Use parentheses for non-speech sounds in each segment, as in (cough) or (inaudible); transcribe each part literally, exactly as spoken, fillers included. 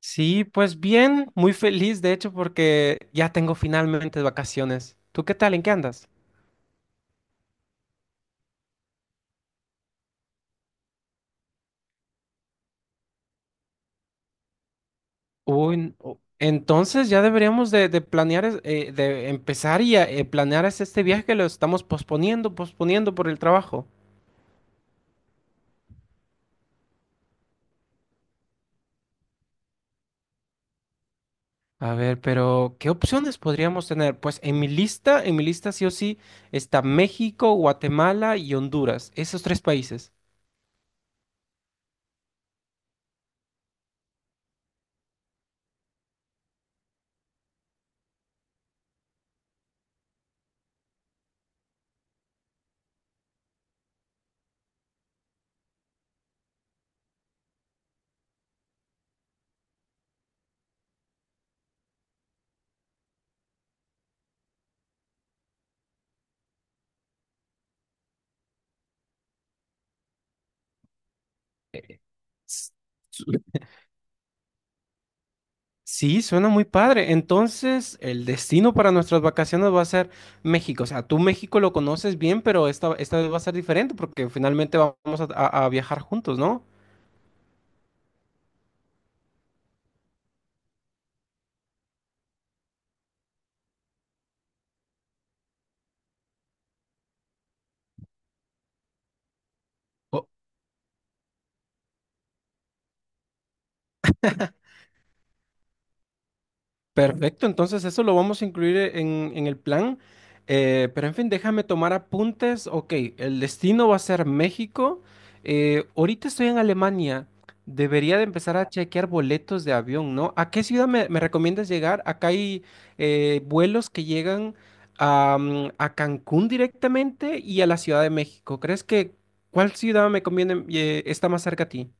Sí, pues bien, muy feliz de hecho porque ya tengo finalmente vacaciones. ¿Tú qué tal? ¿En qué andas? Uy, n- o- entonces ya deberíamos de, de planear, es- eh, de empezar y a- eh, planear es este viaje que lo estamos posponiendo, posponiendo por el trabajo. A ver, pero ¿qué opciones podríamos tener? Pues en mi lista, en mi lista sí o sí está México, Guatemala y Honduras, esos tres países. S- Sí, suena muy padre. Entonces, el destino para nuestras vacaciones va a ser México. O sea, tú México lo conoces bien, pero esta, esta vez va a ser diferente porque finalmente vamos a, a- a viajar juntos, ¿no? O- Perfecto, entonces eso lo vamos a incluir eh, en, en el plan. Eh, pero en fin, déjame tomar apuntes. Ok, el destino va a ser México. Eh, ahorita estoy en Alemania. Debería de empezar a chequear boletos de avión, ¿no? ¿A qué ciudad me, me recomiendas llegar? Acá hay eh, vuelos que llegan a, mm, a Cancún directamente y a la Ciudad de México. ¿Crees que cuál ciudad me conviene, eh, está más cerca a ti?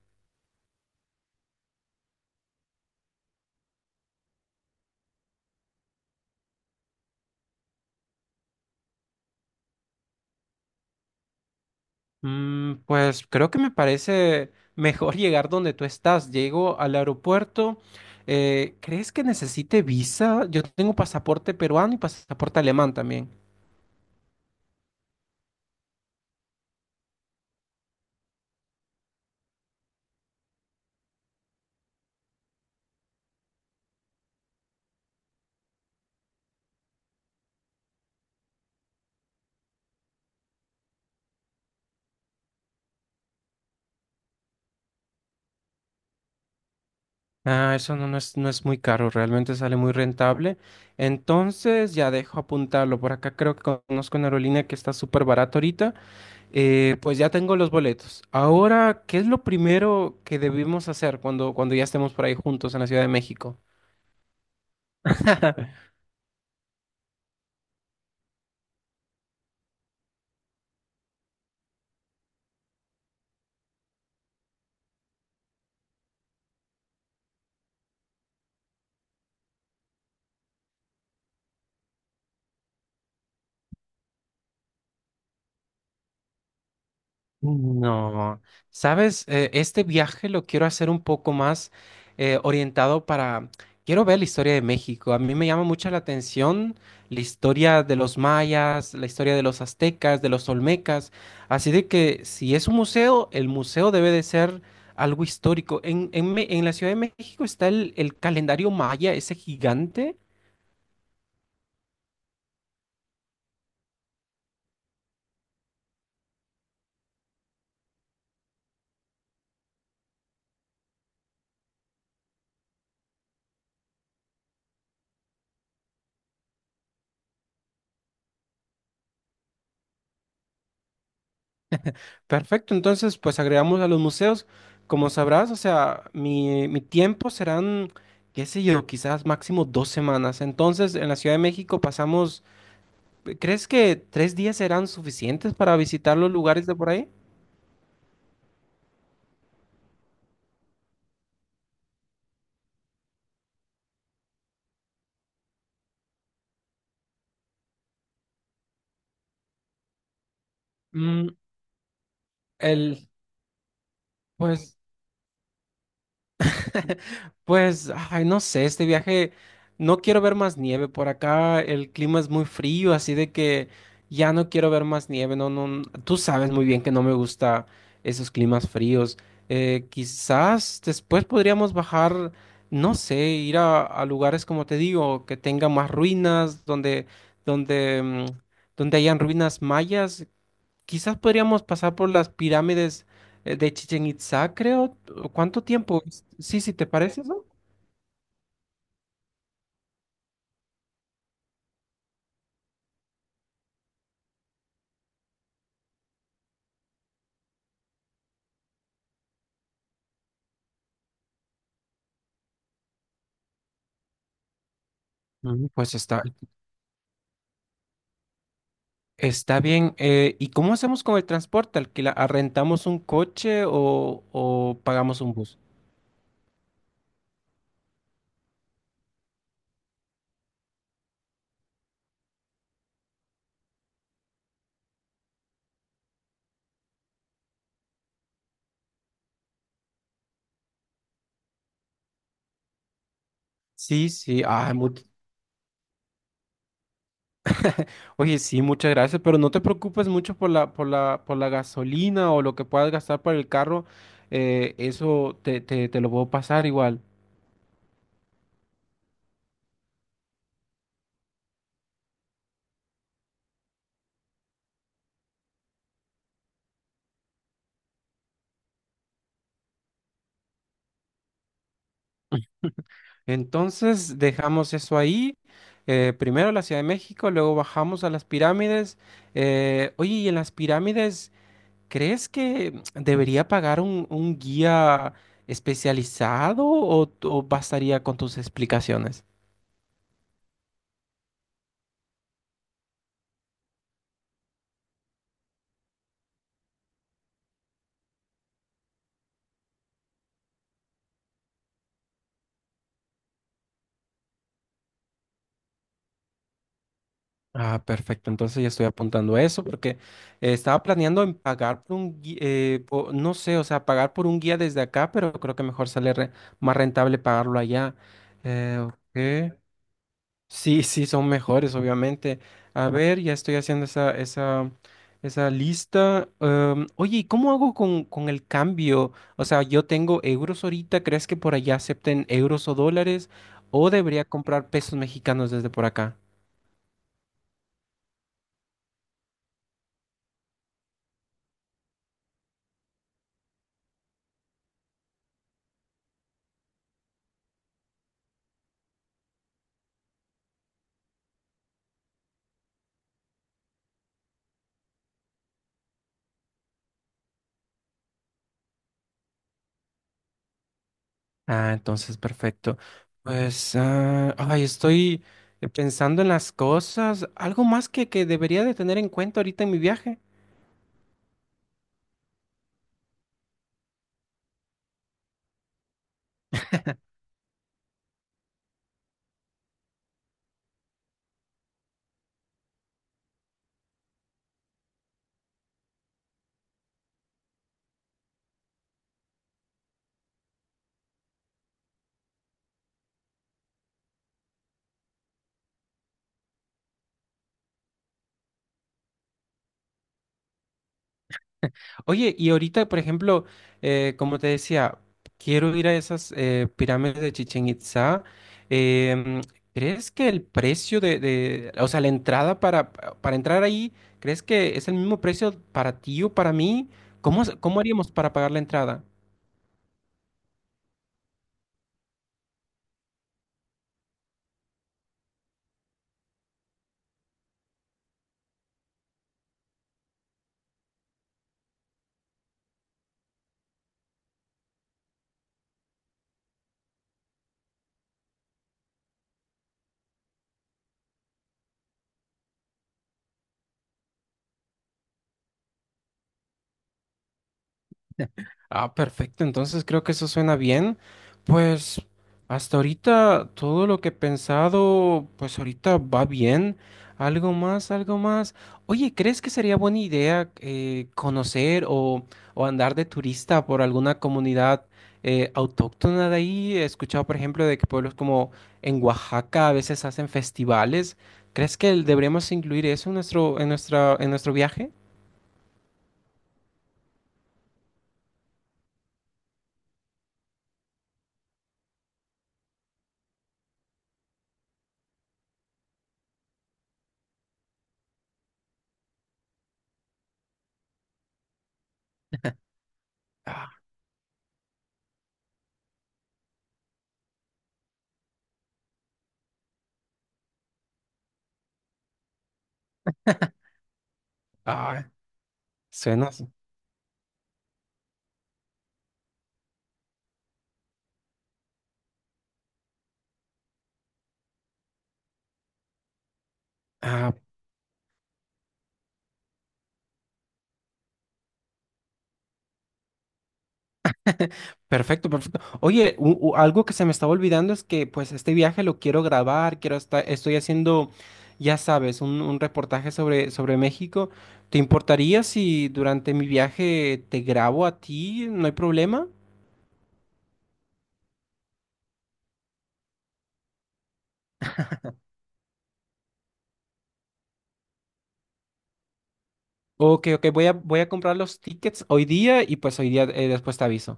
Mm, pues creo que me parece mejor (laughs) llegar donde tú estás. Llego al aeropuerto. Eh, ¿crees que necesite visa? Yo tengo pasaporte peruano y pasaporte alemán también. Ah, eso no, no es, no es muy caro, realmente sale muy rentable. Entonces ya dejo apuntarlo. Por acá creo que conozco una aerolínea que está súper barata ahorita. Eh, pues ya tengo los boletos. Ahora, ¿qué es lo primero que debemos hacer cuando, cuando ya estemos por ahí juntos en la Ciudad de México? (laughs) No, sabes, Eh, este viaje lo quiero hacer un poco más eh, orientado para, quiero ver la historia de México. A mí me llama mucho la atención la historia de los mayas, la historia de los aztecas, de los olmecas. Así de que si es un museo, el museo debe de ser algo histórico. En, en Me- en la Ciudad de México está el, el calendario maya, ese gigante. Perfecto, entonces pues agregamos a los museos, como sabrás, o sea, mi, mi tiempo serán, qué sé yo, quizás máximo dos semanas. Entonces, en la Ciudad de México pasamos, ¿crees que tres días serán suficientes para visitar los lugares de por ahí? Mm, el, pues (laughs) Pues, ay, no sé, este viaje, no quiero ver más nieve por acá, el clima es muy frío, así de que ya no quiero ver más nieve, no, no, n- tú sabes muy bien que no me gusta esos climas fríos. Eh, quizás después podríamos bajar, no sé, ir a, a lugares como te digo, que tengan más ruinas, donde, donde, mm, donde hayan ruinas mayas. Quizás podríamos pasar por las pirámides eh, de Chichen Itzá, creo. ¿Cuánto tiempo? Sí, sí, ¿te parece eso? Mm, Pues está, está bien. Eh, ¿y cómo hacemos con el transporte? ¿Alquila, arrendamos un coche o, o pagamos un bus? Sí, sí. Ah, mu- oye, sí, muchas gracias, pero no te preocupes mucho por la, por la, por la gasolina o lo que puedas gastar para el carro. Eh, eso te, te, te lo puedo pasar igual. Entonces dejamos eso ahí. Eh, primero la Ciudad de México, luego bajamos a las pirámides. Eh, oye, y en las pirámides, ¿crees que (tsk) debería pagar un, un guía especializado o, o bastaría con tus explicaciones? Ah, perfecto. Entonces ya estoy apuntando a eso porque eh, estaba planeando en pagar por un guía, no sé, o sea, pagar por un guía desde acá, pero creo que mejor sale re- más rentable pagarlo allá. Eh, ok. Sí, sí, son mejores, obviamente. A ver, ya estoy haciendo esa, esa, esa lista. Em, oye, ¿y cómo hago con, con el cambio? O sea, yo tengo euros ahorita, ¿crees que por allá acepten euros o dólares? ¿O debería comprar pesos mexicanos desde por acá? Ah, entonces, perfecto. Pues, ah, ay, estoy pensando en las cosas. Algo más que, que debería de tener en cuenta ahorita en mi viaje. Oye, y ahorita, por ejemplo, eh, como te decía, quiero ir a esas eh, pirámides de Chichén Itzá. Em, ¿Crees que el precio de, de- o sea, la entrada para, para entrar ahí, ¿crees que es el mismo precio para ti o para mí? ¿Cómo, cómo haríamos para pagar la entrada? Ah, perfecto. Entonces creo que eso suena bien. Pues hasta ahorita todo lo que he pensado, pues ahorita va bien. Algo más, algo más. Oye, ¿crees que sería buena idea eh, conocer o, o andar de turista por alguna comunidad eh, autóctona de ahí? He escuchado, por ejemplo, de que pueblos como en Oaxaca a veces hacen festivales. ¿Crees que deberíamos incluir eso en nuestro, en nuestra, en nuestro viaje? (laughs) Ah, ah, suena. Ah, (laughs) perfecto, perfecto. Oye, u- u- algo que se me estaba olvidando es que pues este viaje lo quiero grabar, quiero estar, estoy haciendo, ya sabes, un, un reportaje sobre, sobre México. ¿Te importaría si durante mi viaje te grabo a ti? ¿No hay problema? Ok, ok, voy a, voy a comprar los tickets hoy día y pues hoy día eh, después te aviso.